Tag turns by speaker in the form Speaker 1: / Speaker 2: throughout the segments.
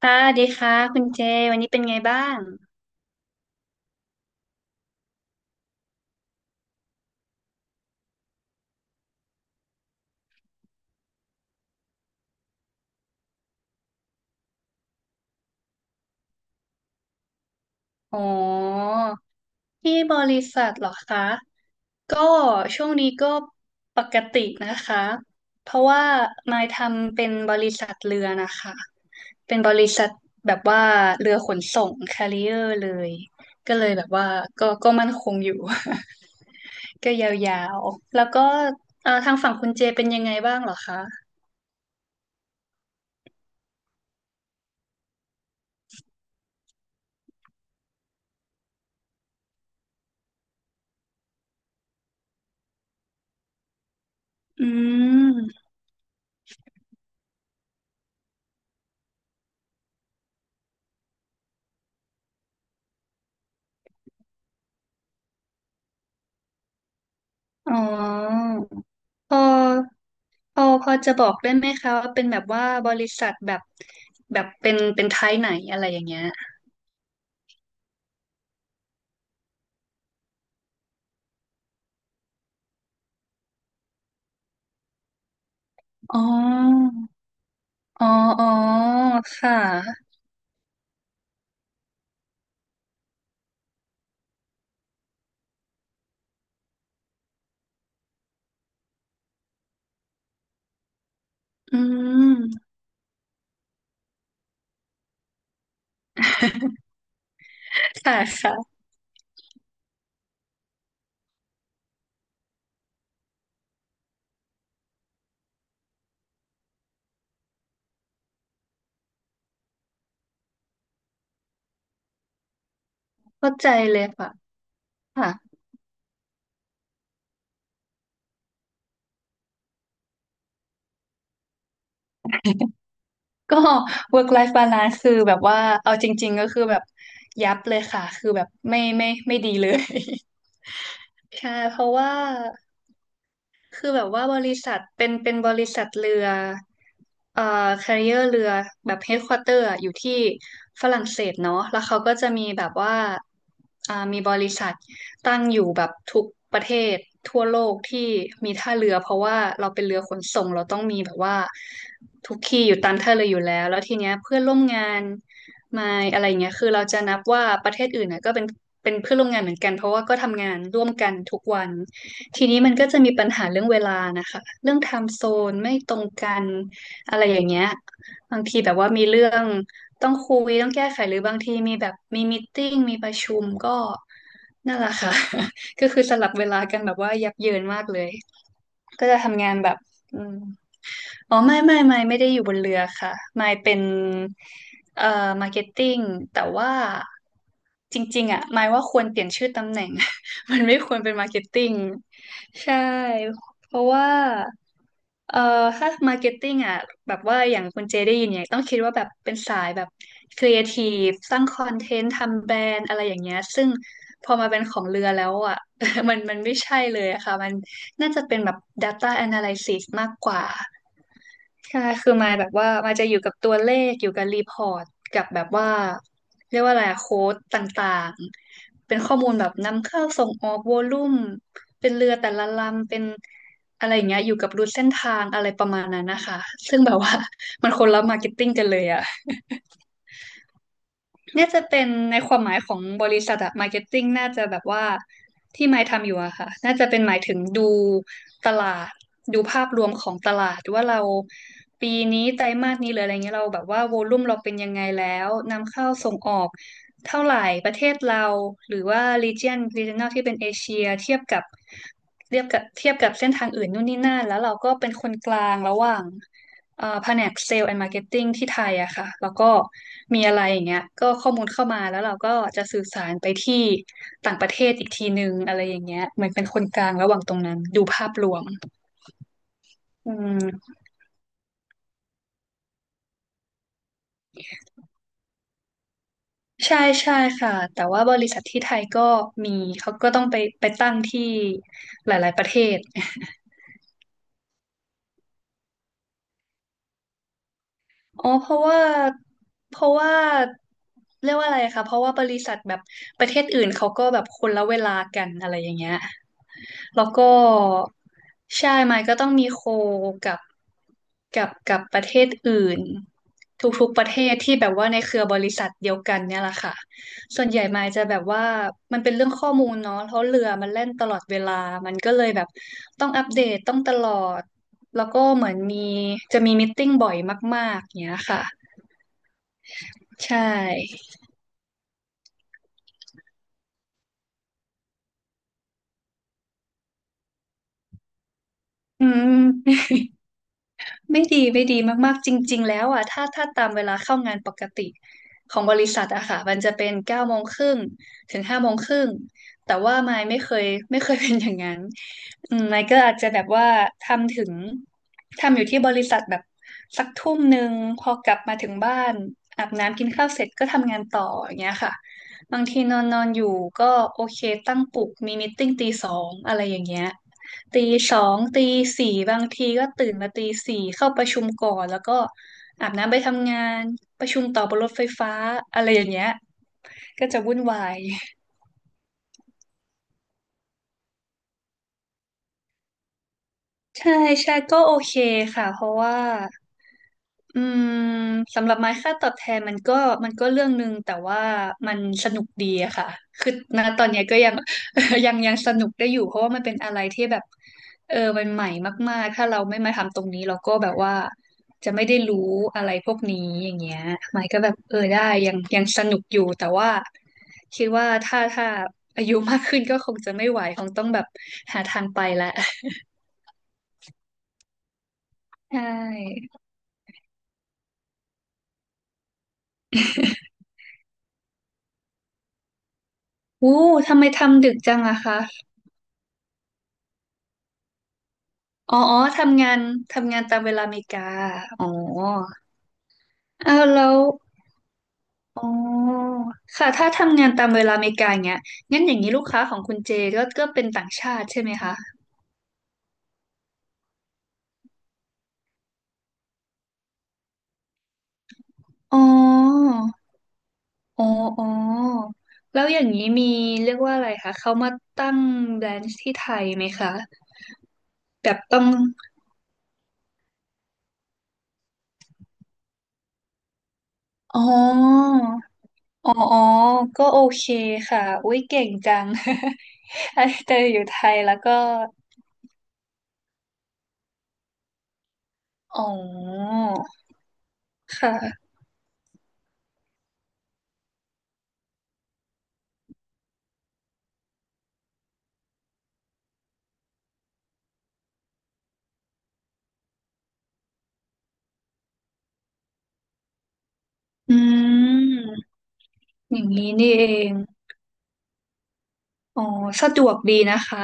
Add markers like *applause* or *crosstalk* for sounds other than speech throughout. Speaker 1: ค่ะสวัสดีค่ะคุณเจวันนี้เป็นไงบ้างอ๋อที่บริษัทเหรอคะ ก็ช่วงนี้ก็ปกตินะคะ เพราะว่านายทำเป็นบริษัทเรือนะคะเป็นบริษัทแบบว่าเรือขนส่งแคริเออร์เลย ก็เลยแบบว่าก็มั่นคงอยู่ *laughs* ก็ยาวๆแล้วก็ทางฝั่งคุณเจเป็นยังไงบ้างเหรอคะอืมอ๋อพอ พอจะบอกได้ไหมคะว่าเป็นแบบว่าบริษัทแบบแบบเป็นไทยไหนอะไรอย่างเงี้ยอ๋ออ๋ออ๋อค่ะอืมค่ะค่ะเข้าใจเลยค่ะค่ะก็ work life balance คือแบบว่าเอาจริงๆก็คือแบบยับเลยค่ะคือแบบไม่ดีเลยใช่เพราะว่า คือแบบว่าบริษัทเป็นบริษัทเรือcarrier เรือแบบ headquarter อะอยู่ที่ฝรั่งเศสเนาะแล้วเขาก็จะมีแบบว่ามีบริษัทตั้งอยู่แบบทุกประเทศทั่วโลกที่มีท่าเรือเพราะว่าเราเป็นเรือขนส่งเราต้องมีแบบว่าทุกที่อยู่ตามท่าเรืออยู่แล้วแล้วทีเนี้ยเพื่อนร่วมงานมาอะไรเงี้ยคือเราจะนับว่าประเทศอื่นน่ะก็เป็นเพื่อนร่วมงานเหมือนกันเพราะว่าก็ทำงานร่วมกันทุกวัน ทีนี้มันก็จะมีปัญหาเรื่องเวลานะคะเรื่องไทม์โซนไม่ตรงกันอะไรอย่างเงี้ยบางทีแบบว่ามีเรื่องต้องคุยต้องแก้ไขหรือบางทีมีแบบมีตติ้งมีประชุมก็นั่นแหละค่ะ *laughs* ก็คือสลับเวลากันแบบว่ายับเยินมากเลย ก็จะทำงานแบบอืมอ๋อไม่ได้อยู่บนเรือค่ะไม่เป็นเอ่อมาร์เก็ตติ้งแต่ว่าจริงๆอ่ะไม่ว่าควรเปลี่ยนชื่อตำแหน่ง *laughs* มันไม่ควรเป็นมาร์เก็ตติ้งใช่เพราะว่าเอ่อถ้ามาร์เก็ตติ้งอ่ะแบบว่าอย่างคุณเจได้ยินเนี่ยต้องคิดว่าแบบเป็นสายแบบครีเอทีฟสร้างคอนเทนต์ทำแบรนด์อะไรอย่างเงี้ยซึ่งพอมาเป็นของเรือแล้วอ่ะ *laughs* มันไม่ใช่เลยอะค่ะมัน น่าจะเป็นแบบ Data Analysis มากกว่าใช่คือมายแบบว่ามาจะอยู่กับตัวเลข อยู่กับรีพอร์ตกับแบบว่าเรียกว่าอะไร โค้ดต่างๆ เป็นข้อมูลแบบนำเข้าส่งออกวอลลุ่มเป็นเรือแต่ละลำ เป็นอะไรอย่างเงี้ยอยู่กับรูทเส้นทางอะไรประมาณนั้นนะคะ ซึ่งแบบว่า *laughs* มันคนละมาร์เก็ตติ้งกันเลยอะ น่าจะเป็นในความหมายของบริษัทอะมาร์เก็ตติ้งน่าจะแบบว่าที่ไมค์ทำอยู่อะค่ะน่าจะเป็นหมายถึงดูตลาดดูภาพรวมของตลาดว่าเราปีนี้ไตรมาสนี้หรืออะไรเงี้ยเราแบบว่าโวลุ่มเราเป็นยังไงแล้วนำเข้าส่งออกเท่าไหร่ประเทศเราหรือว่า region regional ที่เป็นเอเชียเทียบกับเทียบกับเส้นทางอื่นนู่นนี่นั่นแล้วเราก็เป็นคนกลางระหว่าง แผนกเซลล์แอนด์มาร์เก็ตติ้งที่ไทยอะค่ะแล้วก็มีอะไรอย่างเงี้ยก็ข้อมูลเข้ามาแล้วเราก็จะสื่อสารไปที่ต่างประเทศอีกทีนึงอะไรอย่างเงี้ยเหมือนเป็นคนกลางระหว่างตรงนั้นดูภาพรวมอืมใช่ใช่ค่ะแต่ว่าบริษัทที่ไทยก็มีเขาก็ต้องไปไปตั้งที่หลายๆประเทศ อ๋อเพราะว่าเรียกว่าอะไรคะเพราะว่าบริษัทแบบประเทศอื่นเขาก็แบบคนละเวลากันอะไรอย่างเงี้ยแล้วก็ใช่ไมค์ก็ต้องมีโคกับกับประเทศอื่นทุกๆประเทศที่แบบว่าในเครือบริษัทเดียวกันเนี่ยแหละค่ะส่วนใหญ่ไมค์จะแบบว่ามันเป็นเรื่องข้อมูลเนาะเพราะเรือมันแล่นตลอดเวลามันก็เลยแบบต้องอัปเดตต้องตลอด แล้วก็เหมือนมีจะมีมตติ팅บ่อยมากๆเนี้ยค่ะใช่อืม ไม่ดีมากๆจริงๆแล้วอ่ะถ้าตามเวลาเข้างานปกติของบริษัทอะค่ะมันจะเป็น9:30ถึง17:30แต่ว่ามายไม่เคย *laughs* เป็นอย่างนั้นอืมมายก็อาจจะแบบว่าทำถึงทำอยู่ที่บริษัทแบบสัก1 ทุ่มพอกลับมาถึงบ้านอาบน้ำกินข้าวเสร็จก็ทำงานต่ออย่างเงี้ยค่ะบางทีนอนนอนอยู่ก็โอเคตั้งปลุกมีมีตติ้ง2:00อะไรอย่างเงี้ย ตีสองตีสี่บางทีก็ตื่นมาตีสี่เข้าประชุมก่อนแล้วก็อาบน้ำไปทำงานประชุมต่อบนรถไฟฟ้าอะไรอย่างเงี้ยก็จะวุ่นวาย ใช่ใช่ก็โอเคค่ะเพราะว่าอืมสำหรับไม้ค่าตอบแทนมันก็เรื่องหนึ่งแต่ว่ามันสนุกดีอะค่ะคือณตอนเนี้ยก็ยัง *laughs* ยังสนุกได้อยู่เพราะว่ามันเป็นอะไรที่แบบเออมันใหม่มากๆถ้าเราไม่มาทำตรงนี้เราก็แบบว่าจะไม่ได้รู้อะไรพวกนี้อย่างเงี้ยไม้ก็แบบเออได้ยังสนุกอยู่แต่ว่าคิดว่าถ้าอายุมากขึ้นก็คงจะไม่ไหวคงต้องแบบหาทางไปละ ใช่อู้ทำไมทำดึกจังอะคะอ๋ออ๋อทำงานตามเวลาอเมริกาอ๋ออ้าวแล้วอ๋อค่ะถ้าทำงานตามเวลาอเมริกาอย่างเงี้ยงั้นอย่างนี้ลูกค้าของคุณเจก็ก็เป็นต่างชาติใช่ไหมคะอ๋ออ๋ออ๋อแล้วอย่างนี้มีเรียกว่าอะไรคะ เขามาตั้งแบรนช์ที่ไทยไหมคะแบบต้องอ๋อ อ๋ออ๋อก็โอเคค่ะอุ๊ยเก่งจัง *laughs* แต่อยู่ไทยแล้วก็อ๋อค่ะอืมอย่างนี้นี่เองอ๋อสะดวกดีนะคะ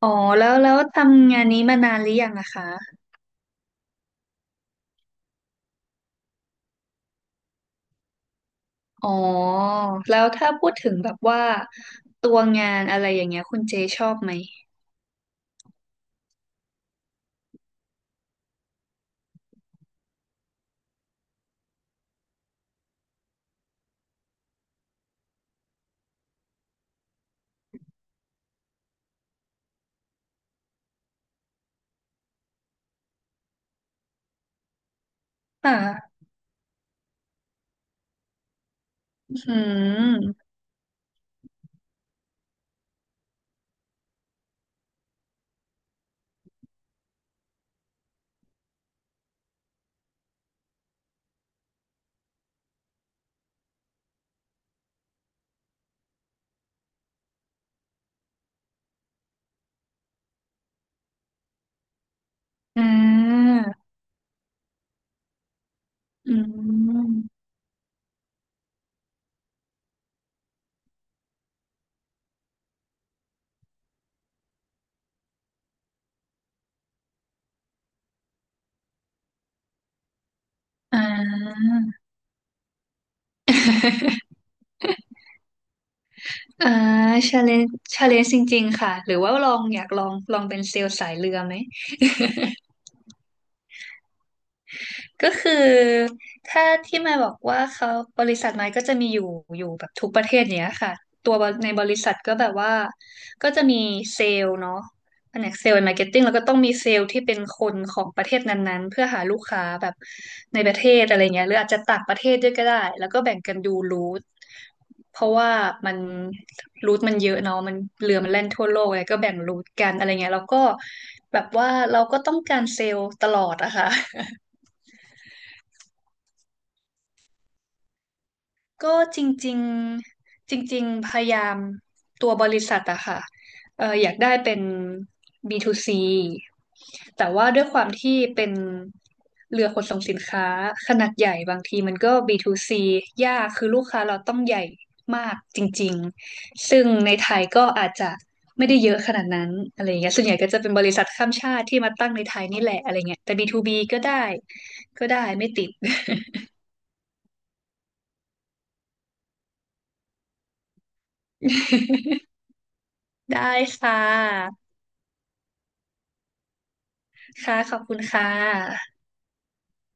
Speaker 1: อ๋อแล้วแล้วทำงานนี้มานานหรือยังนะคะอ๋อแล้วถ้าพูดถึงแบบว่าตัวงานอะไรอย่างเงี้ยคุณเจชอบไหมอ่าอืมอ่าอืมอ่า *laughs* อ่า ชาเลนจ์ชาเลนจ์จริงๆ ค่ะ หรือว่าลองอยากลองเป็นเซลล์สายเรือไหม ก็คือถ้าที่มายบอกว่าเขาบริษัทมายก็จะมีอยู่แบบทุกประเทศเนี้ยค่ะตัวในบริษัทก็แบบว่าก็จะมีเซลล์เนาะแผนกเซลล์มาร์เก็ตติ้งแล้วก็ต้องมีเซลล์ที่เป็นคนของประเทศนั้นๆเพื่อหาลูกค้าแบบในประเทศอะไรเงี้ยหรืออาจจะต่างประเทศด้วยก็ได้แล้วก็แบ่งกันดูรูทเพราะว่ามันรูทมันเยอะเนาะมันเรือมันแล่นทั่วโลกไงก็แบ่งรูทกันอะไรเงี้ยแล้วก็แบบว่าเราก็ต้องการเซลล์ตลอดอะค่ะ ก็จริงๆจริงๆพยายามตัวบริษัทอะค่ะเอออยากได้เป็น B2C แต่ว่าด้วยความที่เป็นเรือขนส่งสินค้าขนาดใหญ่บางทีมันก็ b to c ยากคือลูกค้าเราต้องใหญ่มากจริงๆซึ่งในไทยก็อาจจะไม่ได้เยอะขนาดนั้นอะไรอย่างเงี้ยส่วนใหญ่ก็จะเป็นบริษัทข้ามชาติที่มาตั้งในไทยนี่แหละอะไรเงี้ยแต่ B2B ก็ได้ไม่ติด *laughs* ได้ค่ะ ค่ะขอบคุณค่ะ